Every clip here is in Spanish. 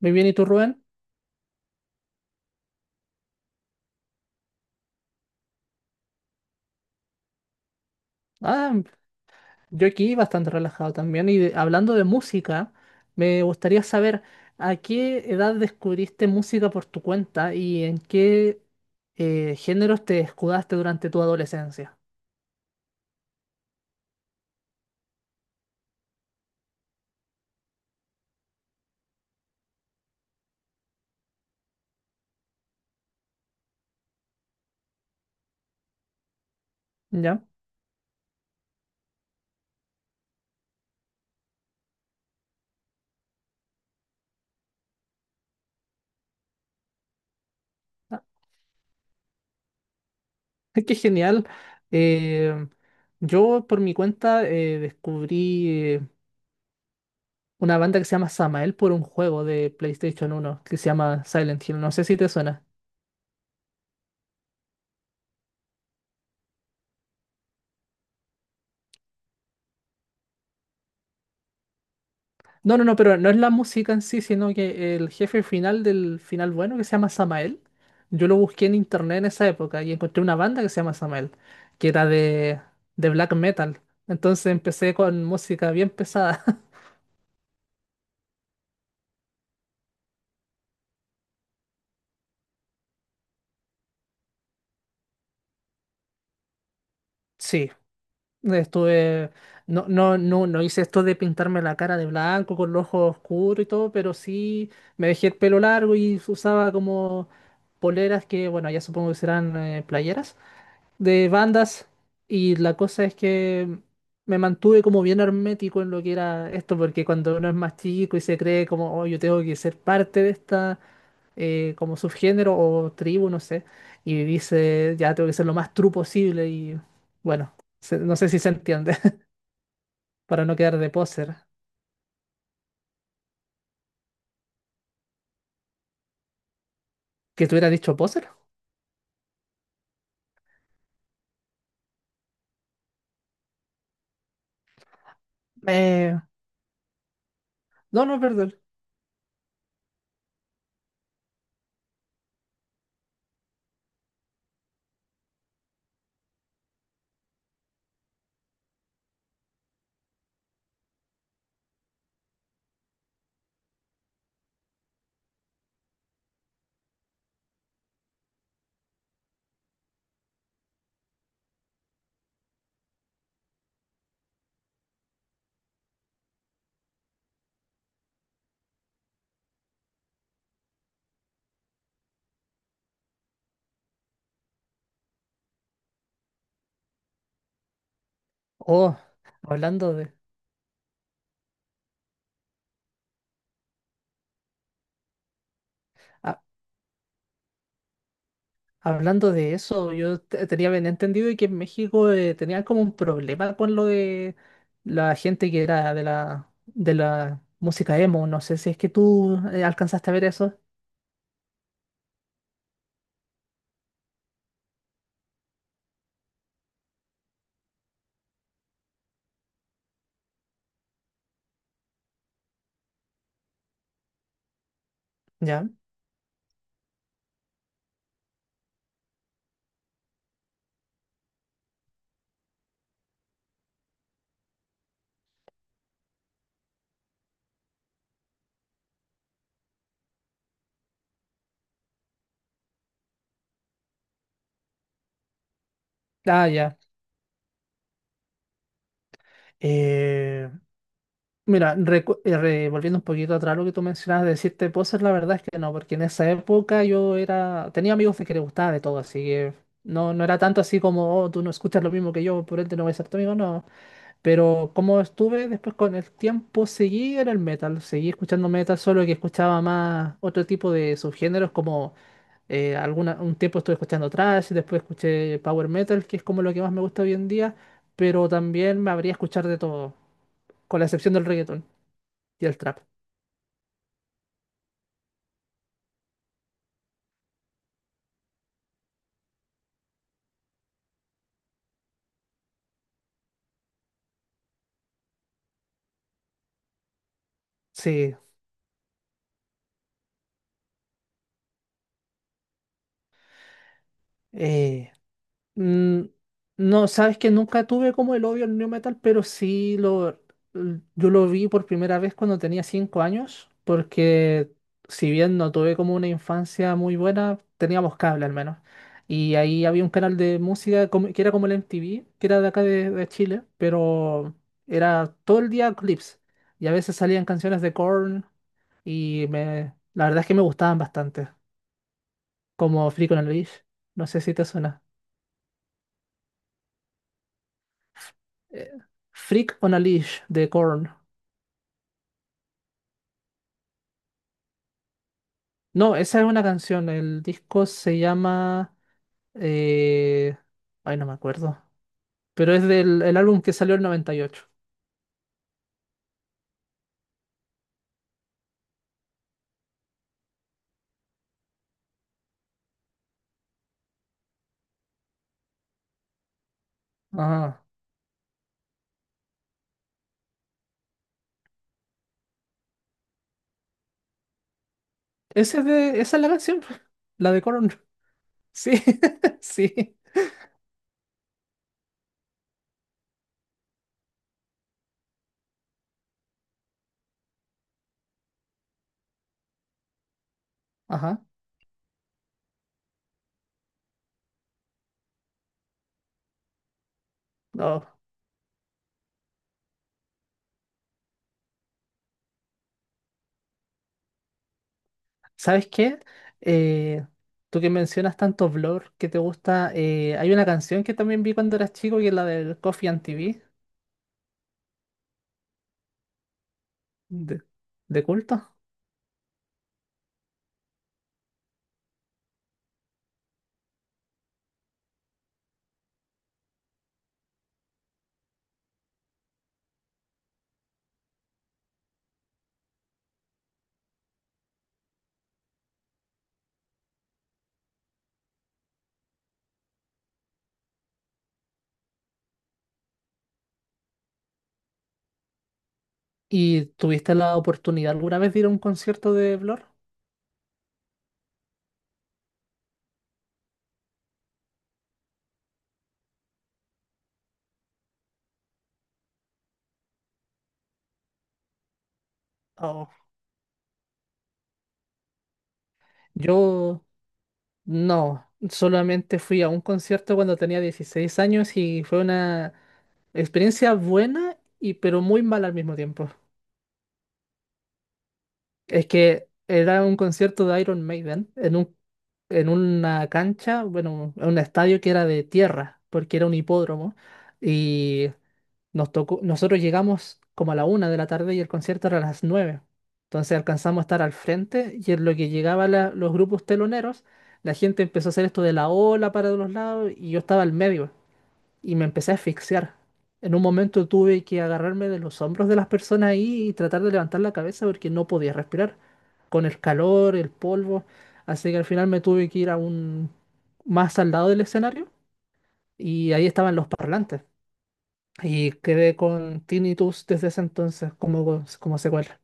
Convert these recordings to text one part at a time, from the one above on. Muy bien, ¿y tú, Rubén? Ah, yo aquí bastante relajado también. Hablando de música, me gustaría saber a qué edad descubriste música por tu cuenta y en qué géneros te escudaste durante tu adolescencia. ¿Ya? Ah, qué genial. Eh, yo por mi cuenta descubrí una banda que se llama Samael por un juego de PlayStation uno que se llama Silent Hill. No sé si te suena. No, no, no, pero no es la música en sí, sino que el jefe final del final bueno, que se llama Samael, yo lo busqué en internet en esa época y encontré una banda que se llama Samael, que era de black metal. Entonces empecé con música bien pesada. Sí, estuve... No, no, no, no hice esto de pintarme la cara de blanco con los ojos oscuros y todo, pero sí me dejé el pelo largo y usaba como poleras que, bueno, ya supongo que serán playeras de bandas, y la cosa es que me mantuve como bien hermético en lo que era esto, porque cuando uno es más chico y se cree como, oh, yo tengo que ser parte de esta, como subgénero o tribu, no sé, y dice, ya tengo que ser lo más true posible y bueno, no sé si se entiende, para no quedar de poser. ¿Que te hubiera dicho poser? Eh, no, no, perdón. Oh, hablando de... Hablando de eso, tenía bien entendido que en México tenían como un problema con lo de la gente que era de la música emo. No sé si es que tú alcanzaste a ver eso. Ya. Ah, ya. Eh, mira, volviendo un poquito atrás lo que tú mencionabas de decirte cosas, la verdad es que no, porque en esa época yo era, tenía amigos de que les gustaba de todo, así que no, no era tanto así como, oh, tú no escuchas lo mismo que yo, por ende no voy a ser tu amigo, no. Pero como estuve después con el tiempo, seguí en el metal, seguí escuchando metal, solo que escuchaba más otro tipo de subgéneros, como alguna, un tiempo estuve escuchando thrash, después escuché power metal, que es como lo que más me gusta hoy en día, pero también me habría escuchar de todo, con la excepción del reggaeton y el trap. Sí, eh, Mm, no, sabes que nunca tuve como el odio al new metal, pero sí yo lo vi por primera vez cuando tenía 5 años, porque si bien no tuve como una infancia muy buena, teníamos cable al menos. Y ahí había un canal de música que era como el MTV, que era de acá de Chile, pero era todo el día clips. Y a veces salían canciones de Korn y me, la verdad es que me gustaban bastante, como Freak on a Leash. No sé si te suena. eh, Freak on a Leash de Korn. No, esa es una canción. El disco se llama. Eh, ay, no me acuerdo. Pero es del el álbum que salió en 98. Ajá. Ese es de... Esa es la canción. La de Korn. Sí, sí. Ajá. No. ¿Sabes qué? Eh, tú que mencionas tanto Blur que te gusta. Hay una canción que también vi cuando eras chico que es la del Coffee and TV de, de culto. ¿Y tuviste la oportunidad alguna vez de ir a un concierto de Blur? Oh, yo no, solamente fui a un concierto cuando tenía 16 años y fue una experiencia buena y pero muy mala al mismo tiempo. Es que era un concierto de Iron Maiden en un, en una cancha, bueno, en un estadio que era de tierra, porque era un hipódromo. Y nos tocó, nosotros llegamos como a la 1 de la tarde y el concierto era a las 9. Entonces alcanzamos a estar al frente y en lo que llegaban los grupos teloneros, la gente empezó a hacer esto de la ola para los lados y yo estaba al medio y me empecé a asfixiar. En un momento tuve que agarrarme de los hombros de las personas ahí y tratar de levantar la cabeza porque no podía respirar con el calor, el polvo. Así que al final me tuve que ir a un más al lado del escenario y ahí estaban los parlantes. Y quedé con tinnitus desde ese entonces como, como secuela.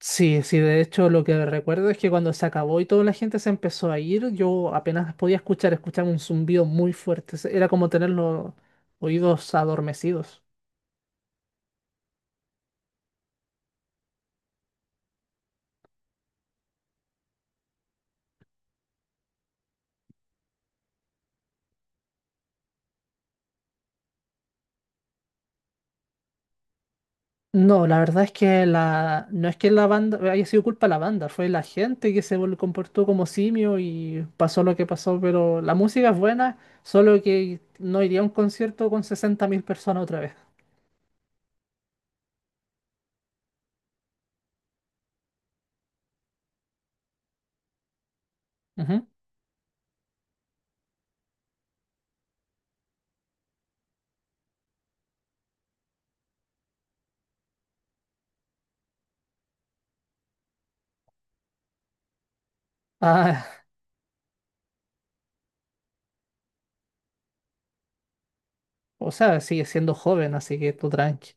Sí, sí, de hecho lo que recuerdo es que cuando se acabó y toda la gente se empezó a ir, yo apenas podía escuchar, escuchaba un zumbido muy fuerte. Era como tener los oídos adormecidos. No, la verdad es que la, no es que la banda haya sido culpa de la banda, fue la gente que comportó como simio y pasó lo que pasó, pero la música es buena, solo que no iría a un concierto con 60,000 personas otra vez. Ujú. Ah, o sea, sigue siendo joven, así que tú tranqui.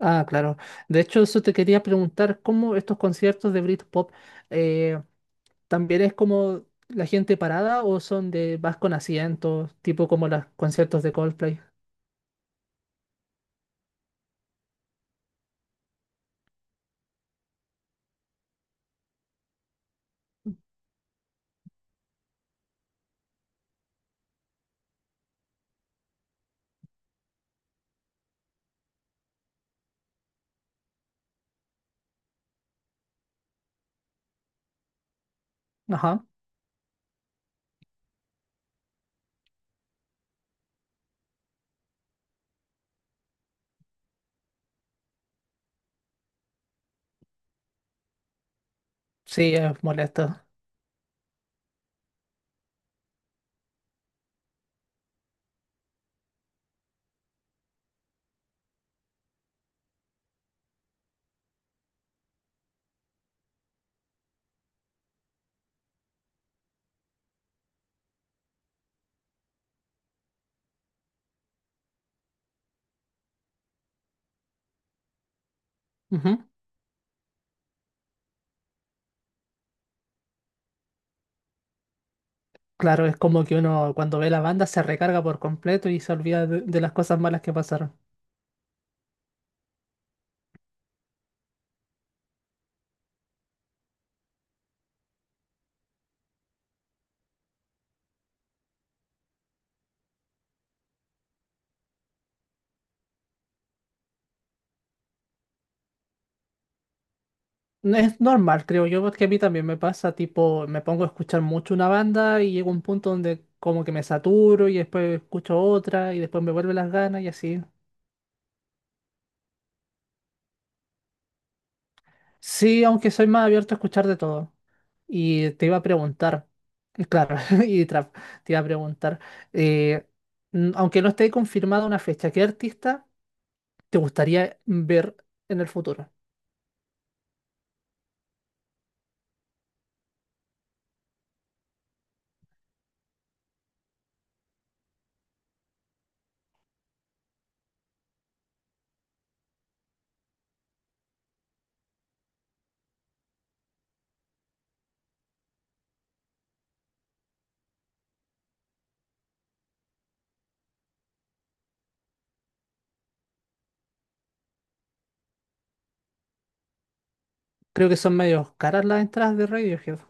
Ah, claro. De hecho, eso te quería preguntar, ¿cómo estos conciertos de Britpop eh, también es como la gente parada o son de vas con asientos, tipo como los conciertos de Coldplay? Ajá. Sí, es molesto. Ujú. Claro, es como que uno cuando ve la banda se recarga por completo y se olvida de las cosas malas que pasaron. Es normal, creo yo, porque a mí también me pasa, tipo, me pongo a escuchar mucho una banda y llega un punto donde como que me saturo y después escucho otra y después me vuelven las ganas y así. Sí, aunque soy más abierto a escuchar de todo. Y te iba a preguntar, y claro, y trap, te iba a preguntar, eh, aunque no esté confirmada una fecha, ¿qué artista te gustaría ver en el futuro? Creo que son medio caras las entradas de Radiohead.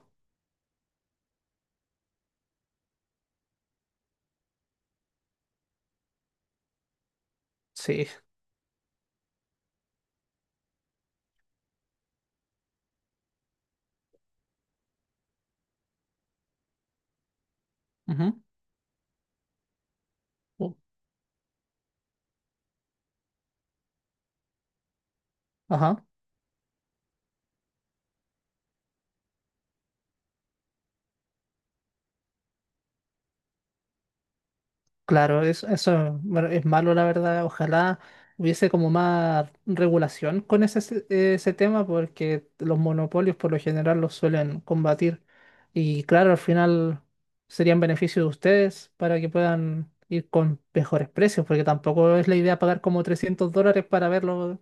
Sí. ujú, u- Ajá. Claro, eso bueno, es malo, la verdad. Ojalá hubiese como más regulación con ese, ese tema, porque los monopolios por lo general los suelen combatir. Y claro, al final serían beneficios de ustedes para que puedan ir con mejores precios, porque tampoco es la idea pagar como $300 para verlo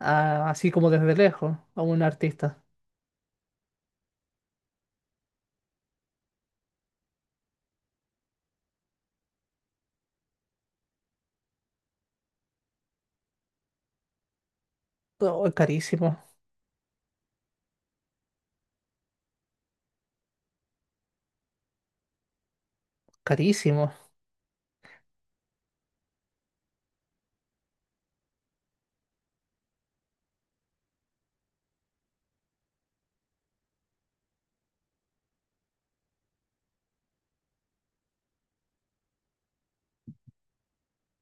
ah, así como desde lejos a un artista. Oh, es carísimo, carísimo.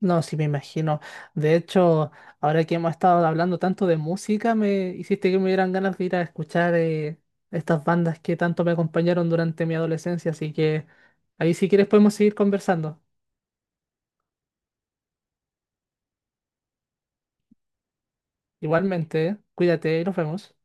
No, sí me imagino. De hecho, ahora que hemos estado hablando tanto de música, me hiciste que me dieran ganas de ir a escuchar estas bandas que tanto me acompañaron durante mi adolescencia, así que ahí si quieres podemos seguir conversando. Igualmente, ¿eh? Cuídate y nos vemos.